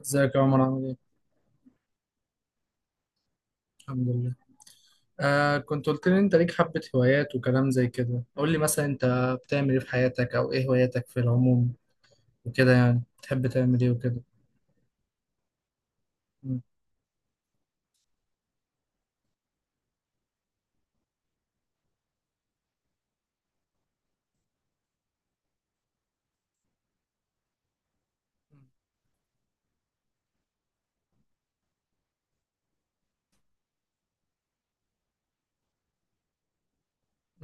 ازيك يا عمر عامل ايه؟ الحمد لله. آه، كنت قلت لي انت ليك حبة هوايات وكلام زي كده. قول لي مثلا انت بتعمل ايه في حياتك او ايه هواياتك في العموم وكده، يعني بتحب تعمل ايه وكده. مم.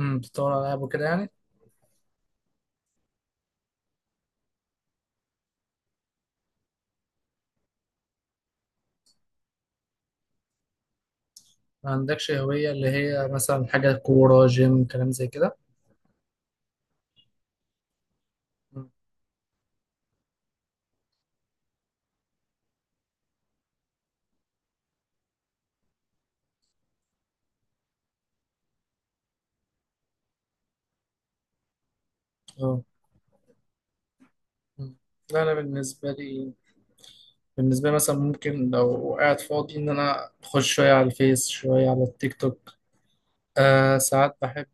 امم، بتطور على العاب وكده يعني. ما عندكش هوية اللي هي مثلا حاجة كورة جيم كلام زي كده؟ مم. اه. مم. لا انا بالنسبة لي مثلا ممكن لو قاعد فاضي ان انا اخش شوية على الفيس شوية على التيك توك. آه، ساعات بحب.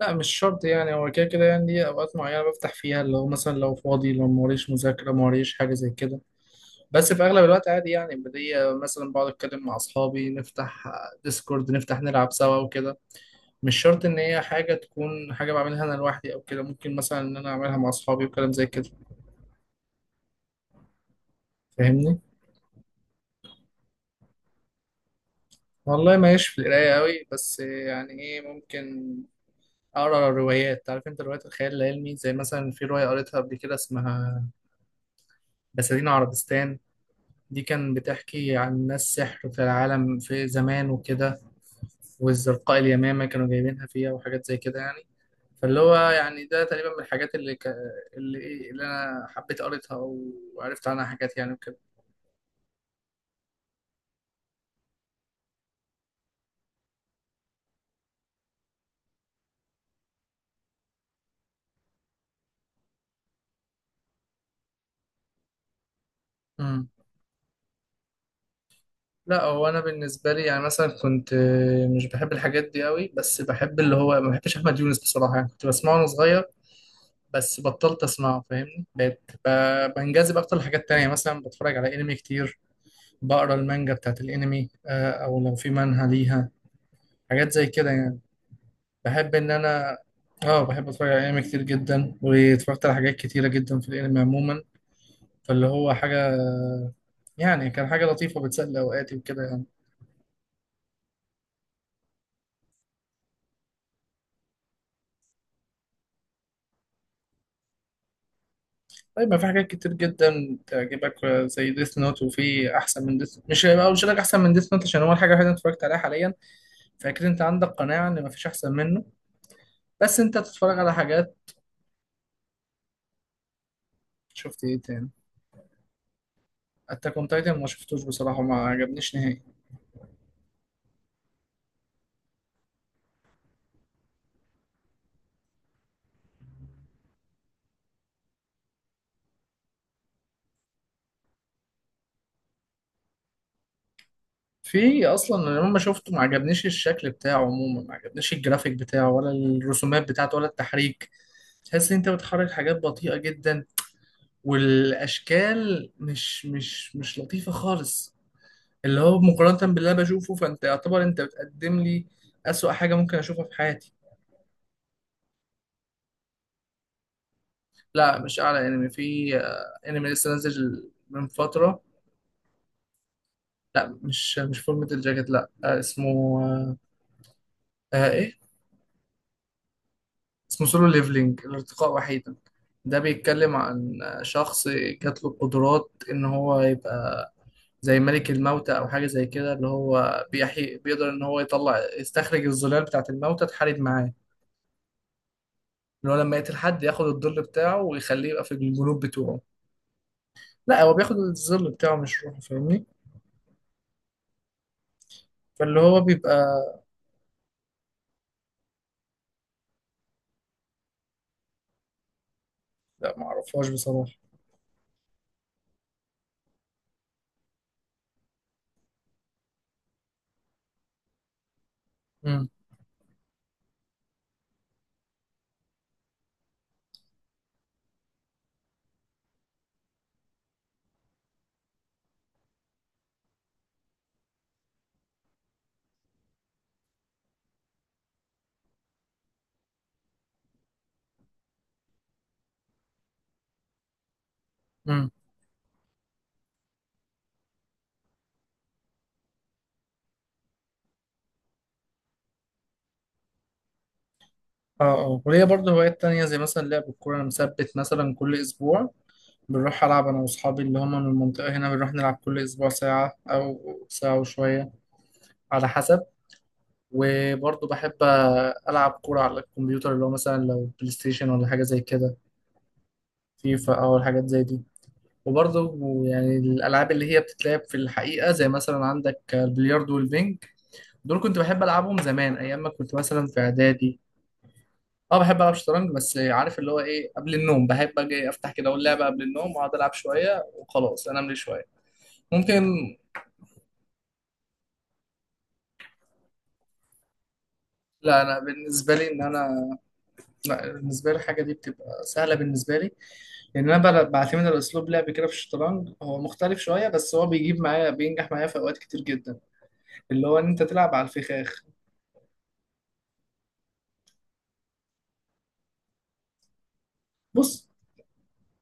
لا، مش شرط، يعني هو كده كده، يعني دي اوقات معينه بفتح فيها، اللي هو مثلا لو فاضي لو موريش مذاكره موريش حاجه زي كده. بس في اغلب الوقت عادي يعني، بدي مثلا بقعد اتكلم مع اصحابي، نفتح ديسكورد، نفتح نلعب سوا وكده. مش شرط ان هي حاجه تكون حاجه بعملها انا لوحدي او كده، ممكن مثلا ان انا اعملها مع اصحابي وكلام زي كده، فاهمني. والله ماليش في القرايه قوي، بس يعني ايه، ممكن اقرا روايات، عارف انت، روايات الخيال العلمي، زي مثلا في روايه قريتها قبل كده اسمها بساتين عربستان. دي كان بتحكي عن ناس سحر في العالم في زمان وكده، والزرقاء اليمامة كانوا جايبينها فيها وحاجات زي كده يعني. فاللي هو يعني ده تقريبا من الحاجات اللي اللي إيه، اللي أنا حبيت قريتها وعرفت عنها حاجات يعني وكده. امم. لا هو أنا بالنسبة لي يعني مثلا كنت مش بحب الحاجات دي قوي، بس بحب اللي هو، ما بحبش أحمد يونس بصراحة، يعني كنت بسمعه وأنا صغير بس بطلت أسمعه، فاهمني، بقيت بنجذب أكتر لحاجات تانية، مثلا بتفرج على أنمي كتير، بقرا المانجا بتاعت الانمي او لو في منهى ليها حاجات زي كده يعني. بحب ان انا، اه، بحب اتفرج على انمي كتير جدا، واتفرجت على حاجات كتيره جدا في الانمي عموما. فاللي هو حاجه، يعني كان حاجه لطيفه بتسلي اوقاتي وكده يعني. طيب، ما في حاجات كتير جدا تعجبك زي ديث نوت، وفي احسن من ديث، مش هيبقى مش لك احسن من ديث نوت عشان هو الحاجه الوحيده اللي أنا اتفرجت عليها حاليا، فاكيد انت عندك قناعه ان ما فيش احسن منه. بس انت تتفرج على حاجات، شفت ايه تاني؟ اتاك اون تايتن ما شفتوش بصراحه، ما عجبنيش نهائي. في اصلا انا لما شفته ما عجبنيش الشكل بتاعه عموما، ما عجبنيش الجرافيك بتاعه، ولا الرسومات بتاعته، ولا التحريك. تحس ان انت بتحرك حاجات بطيئة جدا، والاشكال مش لطيفة خالص. اللي هو مقارنة باللي انا بشوفه، فانت يعتبر انت بتقدم لي اسوأ حاجة ممكن اشوفها في حياتي. لا، مش اعلى انمي في انمي لسه نازل من فترة. لا، مش مش فورمة الجاكيت، لا اسمه، آه، ايه، اسمه سولو ليفلينج، الارتقاء وحيدا. ده بيتكلم عن شخص جات له القدرات ان هو يبقى زي ملك الموتى او حاجه زي كده، اللي هو بيحي، بيقدر ان هو يطلع يستخرج الظلال بتاعه الموتى تحارب معاه. اللي هو لما يقتل حد ياخد الظل بتاعه ويخليه يبقى في الجنوب بتوعه. لا، هو بياخد الظل بتاعه مش روحه، فاهمني. فاللي هو بيبقى، لا معرفهاش بصراحه. امم. امم. اه اه. وليا برضه هوايات تانية زي مثلا لعب الكورة. أنا مثبت مثلا كل أسبوع بنروح ألعب أنا وأصحابي اللي هم من المنطقة هنا، بنروح نلعب كل أسبوع ساعة أو ساعة وشوية على حسب. وبرضه بحب ألعب كورة على الكمبيوتر اللي هو مثلا لو بلاي ستيشن ولا حاجة زي كده، فيفا أو حاجات زي دي. وبرضه يعني الألعاب اللي هي بتتلعب في الحقيقة زي مثلا عندك البلياردو والبينج، دول كنت بحب ألعبهم زمان أيام ما كنت مثلا في إعدادي. اه، بحب العب شطرنج، بس عارف اللي هو ايه، قبل النوم بحب اجي افتح كده اقول لعبه قبل النوم واقعد العب شويه وخلاص انام لي شويه. ممكن. لا انا بالنسبه لي ان انا، لا بالنسبه لي الحاجه دي بتبقى سهله بالنسبه لي، لان انا بعتمد على اسلوب لعب كده في الشطرنج هو مختلف شويه، بس هو بيجيب معايا، بينجح معايا في اوقات كتير جدا، اللي هو ان انت تلعب على الفخاخ. بص،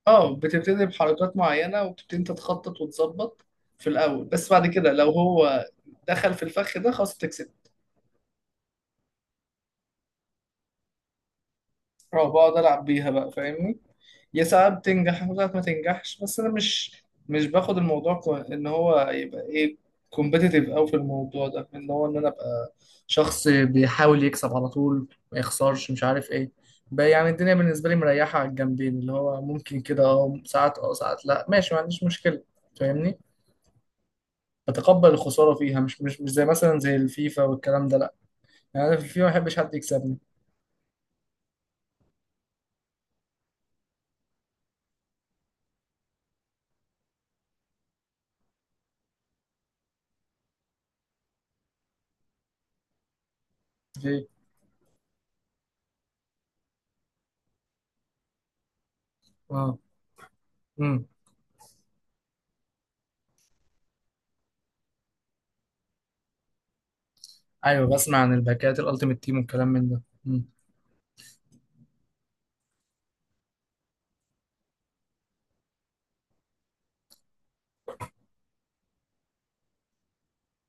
اه، بتبتدي بحركات معينه وبتبتدي انت تخطط وتظبط في الاول، بس بعد كده لو هو دخل في الفخ ده، خلاص تكسب. اه، بقعد العب بيها بقى فاهمني. يا ساعات بتنجح وساعات ما تنجحش، بس انا مش باخد الموضوع ان هو يبقى ايه، كومبيتيتيف قوي في الموضوع ده، ان هو ان انا ابقى شخص بيحاول يكسب على طول، ما يخسرش، مش عارف ايه بقى. يعني الدنيا بالنسبه لي مريحه على الجنبين، اللي هو ممكن كده، اه ساعات اه ساعات لا ماشي، ما عنديش مشكله، فاهمني. بتقبل الخساره فيها، مش زي مثلا زي الفيفا والكلام ده لا. يعني انا في الفيفا ما بحبش حد يكسبني. في. اه. امم. ايوه بسمع عن الباكات الالتيميت تيم والكلام من ده. امم.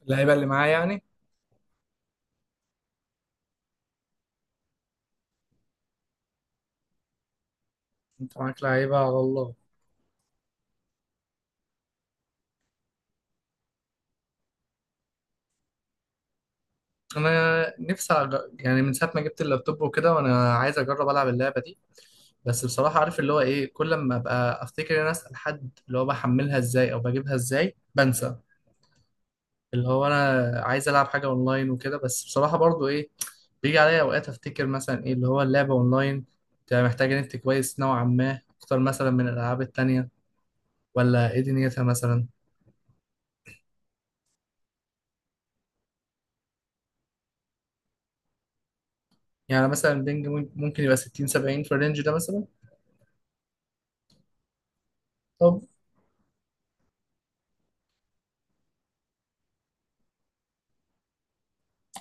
اللعيبه اللي معايا يعني. انت معاك لعيبه على الله. انا نفسي يعني من ساعه ما جبت اللابتوب وكده وانا عايز اجرب العب اللعبه دي، بس بصراحه عارف اللي هو ايه، كل ما ابقى افتكر ان انا اسال حد اللي هو بحملها ازاي او بجيبها ازاي بنسى. اللي هو انا عايز العب حاجه اونلاين وكده، بس بصراحه برضو ايه، بيجي عليا اوقات افتكر مثلا ايه اللي هو اللعبه اونلاين بتبقى محتاجه نت كويس نوعا ما اكتر مثلا من الالعاب التانيه، ولا ايه دنيتها مثلا؟ يعني مثلا بينج ممكن يبقى 60 70 في الرينج ده مثلا. طب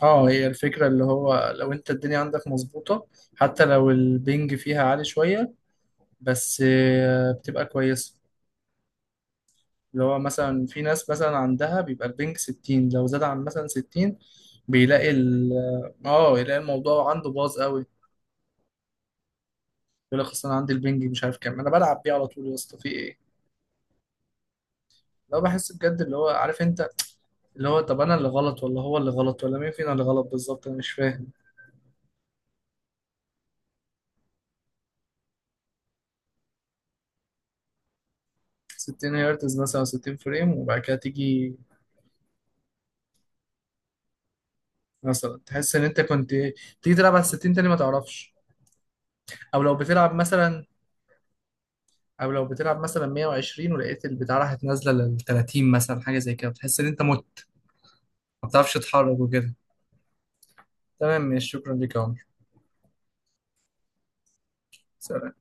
اه، هي الفكرة اللي هو لو انت الدنيا عندك مظبوطة حتى لو البنج فيها عالي شوية، بس بتبقى كويسة. اللي هو مثلا في ناس مثلا عندها بيبقى البنج ستين، لو زاد عن مثلا ستين بيلاقي ال، اه، يلاقي الموضوع عنده باظ قوي. يقول لك اصل انا عندي البنج مش عارف كام انا بلعب بيه على طول، يا اسطى في ايه؟ لو بحس بجد اللي هو عارف انت، اللي هو طب انا اللي غلط ولا هو اللي غلط ولا مين فينا اللي غلط بالظبط؟ انا مش فاهم. 60 هرتز مثلا، 60 فريم، وبعد كده تيجي مثلا تحس ان انت كنت، تيجي تلعب على 60 تاني ما تعرفش. او لو بتلعب مثلا، او لو بتلعب مثلا 120 ولقيت البتاع راحت نازله لل 30 مثلا حاجه زي كده، بتحس ان انت مت، ما بتعرفش تتحرك وكده. تمام ماشي، شكرا ليك يا عمر، سلام.